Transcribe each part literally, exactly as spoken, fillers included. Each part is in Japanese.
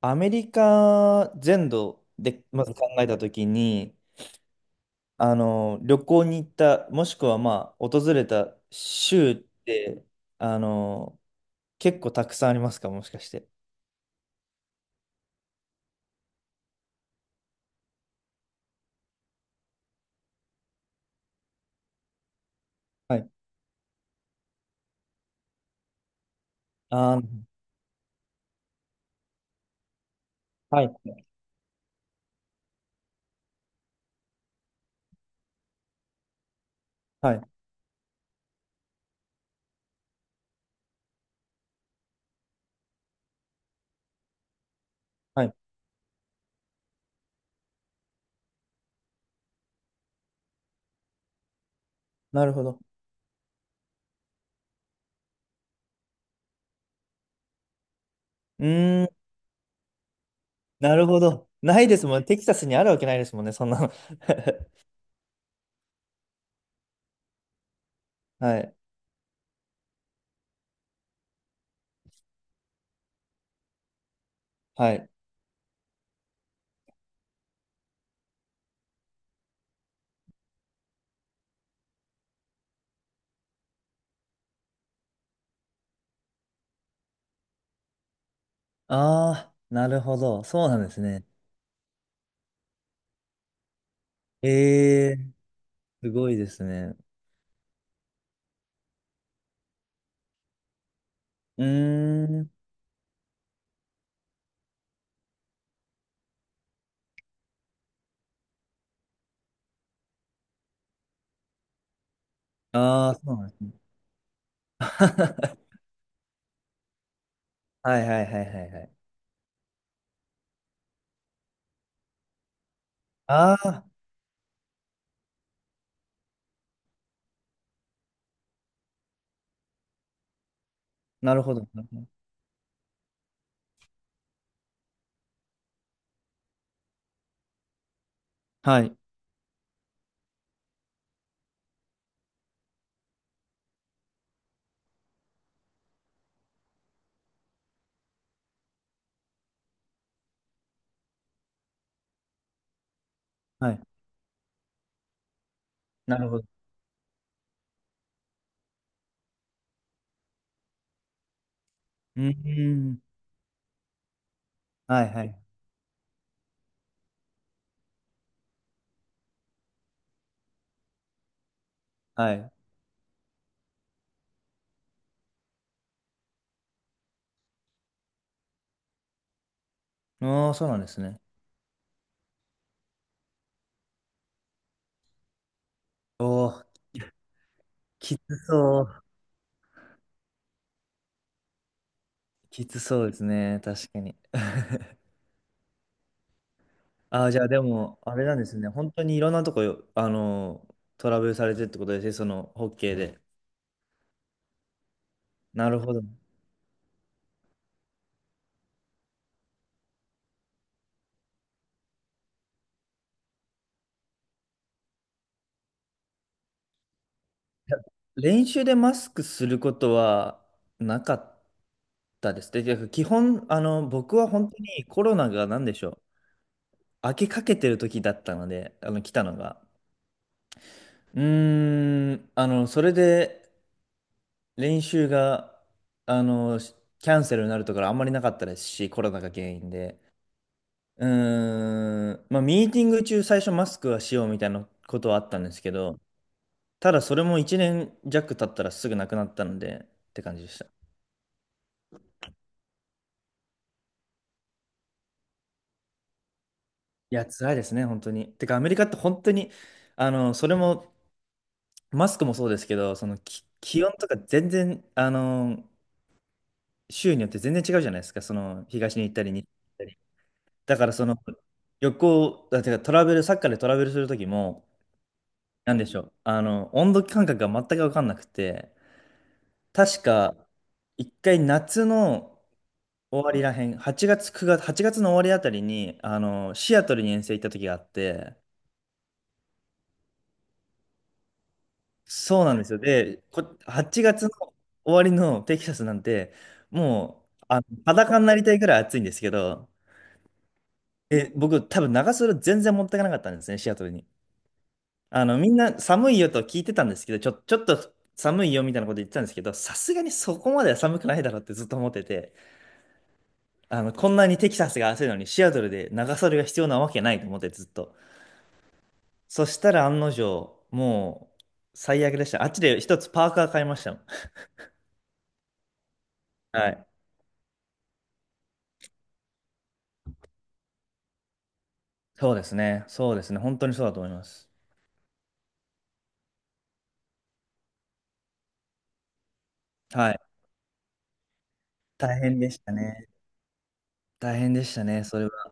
アメリカ全土でまず考えたときに、あの、旅行に行った、もしくはまあ、訪れた州って、あの、結構たくさんありますか、もしかして。はい。あー、はい。はい。はい。なるほど。うーん、なるほど。ないですもんね。テキサスにあるわけないですもんね、そんなの。はい。はい。ああ、なるほど。そうなんですね。ええ、すごいですね。うーん。ああ、そうなんですね。はいはいはいはいはい。ああ、なるほど。なるほど。はい。はい。なるほど。うーん。はいはい。はい。ああ、そうなんですね。おお、きつそう。きつそうですね。確かに。ああ、じゃあでも、あれなんですね。本当にいろんなとこよ、あの、トラブルされてってことですね。その、ホッケーで。なるほど。いや練習でマスクすることはなかったですね。で、基本、あの、僕は本当にコロナが何でしょう。開けかけてる時だったので、あの、来たのが。うーん、あの、それで練習が、あの、しキャンセルになるところあんまりなかったですし、コロナが原因で。うーん、まあ、ミーティング中最初マスクはしようみたいなことはあったんですけど、ただそれもいちねん弱経ったらすぐなくなったので、って感じでした。いや、辛いですね、本当に。てか、アメリカって本当に、あの、それも、マスクもそうですけど、その、き気温とか全然、あの、州によって全然違うじゃないですか、その東に行ったり西に行ったり。だからその旅行、だからトラベル、サッカーでトラベルする時も、なんでしょう、あの、温度感覚が全く分かんなくて、確か一回夏の終わりらへん、はちがつ、くがつ、はちがつの終わりあたりに、あの、シアトルに遠征行った時があって、そうなんですよ。で、こ、はちがつの終わりのテキサスなんて、もう、あの、裸になりたいぐらい暑いんですけど、え、僕、多分長袖全然持ってかなかったんですね、シアトルに。あの、みんな寒いよと聞いてたんですけど、ちょ、ちょっと寒いよみたいなこと言ってたんですけど、さすがにそこまでは寒くないだろうってずっと思ってて、あの、こんなにテキサスが暑いのにシアトルで長袖が必要なわけないと思ってずっと。そしたら案の定、もう最悪でした。あっちで一つパーカー買いましたもん。はい。そうですね。そうですね。本当にそうだと思います。はい。大変でしたね。大変でしたね。それは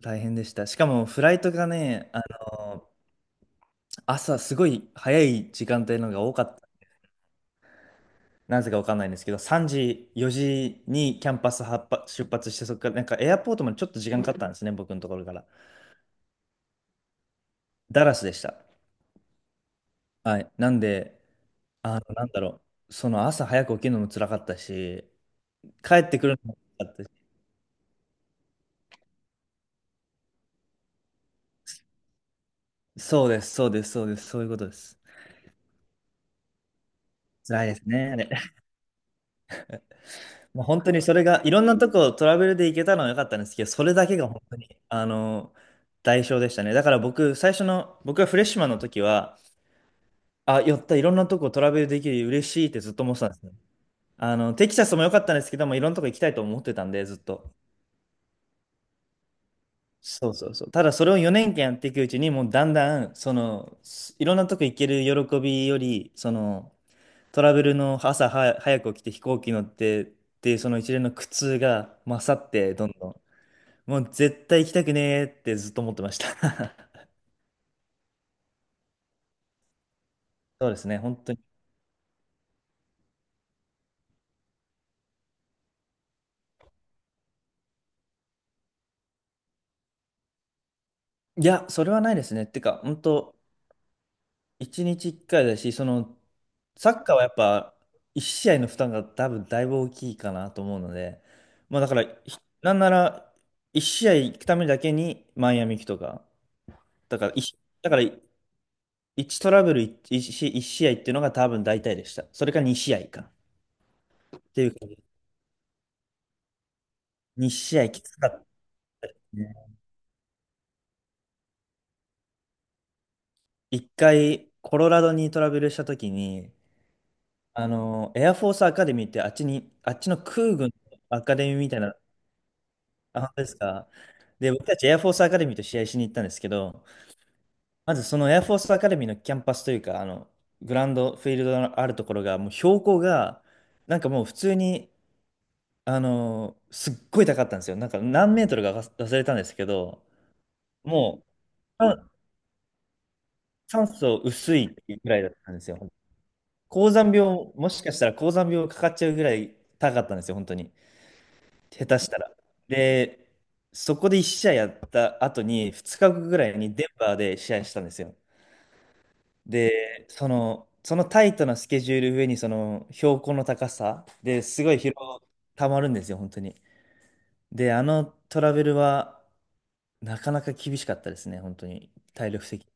大変でした。しかもフライトがね、あの朝すごい早い時間帯のが多かった。なぜかわかんないんですけど、さんじ、よじにキャンパス発発出発して、そこからなんかエアポートまでちょっと時間かかったんですね、僕のところから。ダラスでした。はい。なんで、あの、なんだろう、その朝早く起きるのも辛かったし、帰ってくるのも辛かったし、そうです、そうです、そうです、そういうことです。辛いですね、あれ。もう本当にそれが、いろんなとこをトラベルで行けたのは良かったんですけど、それだけが本当に、あの、代償でしたね。だから僕、最初の、僕がフレッシュマンの時は、あ、寄った、いろんなとこトラベルできる、嬉しいってずっと思ってたんですね。あの、テキサスも良かったんですけども、いろんなとこ行きたいと思ってたんで、ずっと。そうそうそう。ただ、それをよねんかんやっていくうちに、もうだんだん、その、すいろんなとこ行ける喜びより、その、トラベルの朝は早く起きて飛行機乗ってっていう、その一連の苦痛が勝って、どんどん。もう絶対行きたくねーってずっと思ってました。そうですね、本当に。いや、それはないですね。てか、本当一日一回だし、その、サッカーはやっぱ、一試合の負担が多分だいぶ大きいかなと思うので、まあだから、ひなんなら、一試合行くためだけにマイアミ行くとか、だから一、いだから一トラブル一一試一試合っていうのが多分大体でした。それかに試合か。っていうか、に試合きつかったね。一回、コロラドにトラベルした時に、あの、エアフォースアカデミーってあっちに、あっちの空軍のアカデミーみたいな、あ、本当ですか。で、僕たちエアフォースアカデミーと試合しに行ったんですけど、まずそのエアフォースアカデミーのキャンパスというか、あの、グラウンド、フィールドのあるところが、もう標高が、なんかもう普通に、あの、すっごい高かったんですよ。なんか何メートルか忘れたんですけど、もう、あ酸素薄いぐらいだったんですよ。高山病、もしかしたら高山病かかっちゃうぐらい高かったんですよ、本当に。下手したら。で、そこでいち試合やった後に、ふつかごぐらいにデンバーで試合したんですよ。で、その、そのタイトなスケジュール上に、その標高の高さですごい疲労たまるんですよ、本当に。で、あのトラベルは、なかなか厳しかったですね、本当に。体力的に。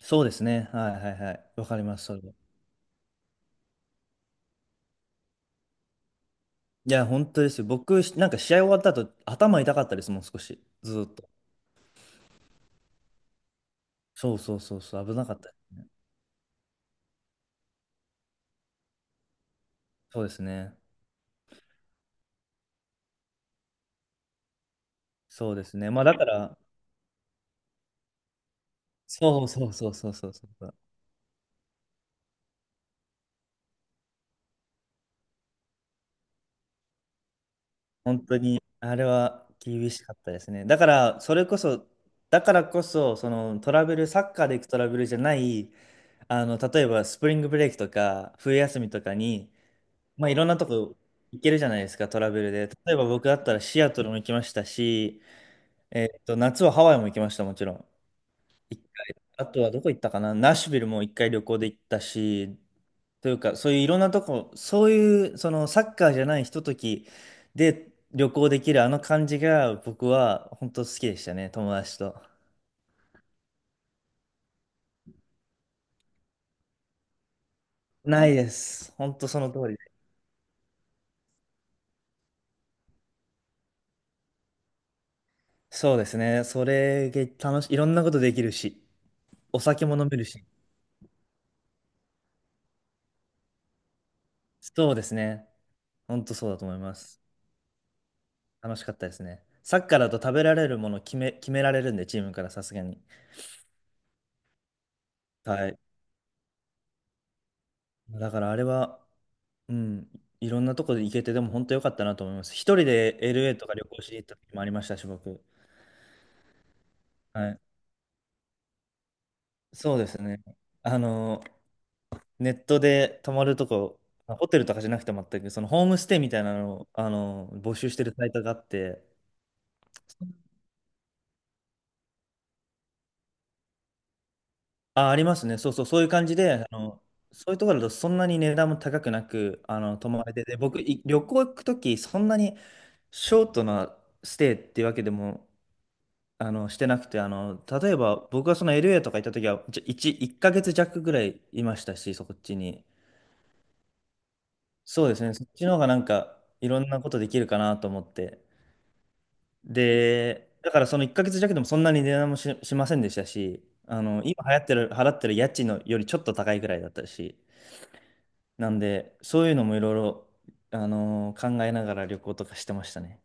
そうですね。はいはいはい。わかります、それは。いや、本当ですよ。僕、なんか試合終わった後、頭痛かったです、もう少し。ずーっと。そうそうそうそう、危なかった。そうですね。そうですね。まあだから、そうそうそうそうそうそう。本当に、あれは厳しかったですね。だから、それこそ、だからこそ、そのトラベル、サッカーで行くトラベルじゃない、あの、例えばスプリングブレイクとか、冬休みとかに、まあいろんなとこ行けるじゃないですか、トラベルで。例えば僕だったらシアトルも行きましたし、えっと、夏はハワイも行きました、もちろん。一回あとはどこ行ったかな、ナッシュビルも一回旅行で行ったし、というか、そういういろんなとこ、そういう、そのサッカーじゃないひとときで旅行できるあの感じが僕は本当好きでしたね、友達と。ないです。本当その通りで。そうですね。それが楽しい。いろんなことできるし、お酒も飲めるし。そうですね。本当そうだと思います。楽しかったですね。サッカーだと食べられるもの決め、決められるんで、チームからさすがに。はい。だからあれは、うん、いろんなとこで行けて、でも本当良かったなと思います。一人で エルエー とか旅行しに行った時もありましたし、僕。はい。そうですね。あの、ネットで泊まるとこ、ホテルとかじゃなくて全く、そのホームステイみたいなのを、あの、募集してるサイトがあって、あ、ありますね。そうそう、そういう感じで、あの、そういうところだとそんなに値段も高くなく、あの、泊まれてて、僕、い旅行行くとき、そんなにショートなステイっていうわけでもあの、してなくて、あの、例えば僕がその エルエー とか行った時は、じゃ1、いっかげつ弱ぐらいいましたし、そこっちに。そうですね、そっちの方がなんかいろんなことできるかなと思って。で、だからそのいっかげつ弱でもそんなに値段もし、しませんでしたし、あの、今流行ってる、払ってる家賃のよりちょっと高いぐらいだったし、なんで、そういうのもいろいろ、あの考えながら旅行とかしてましたね。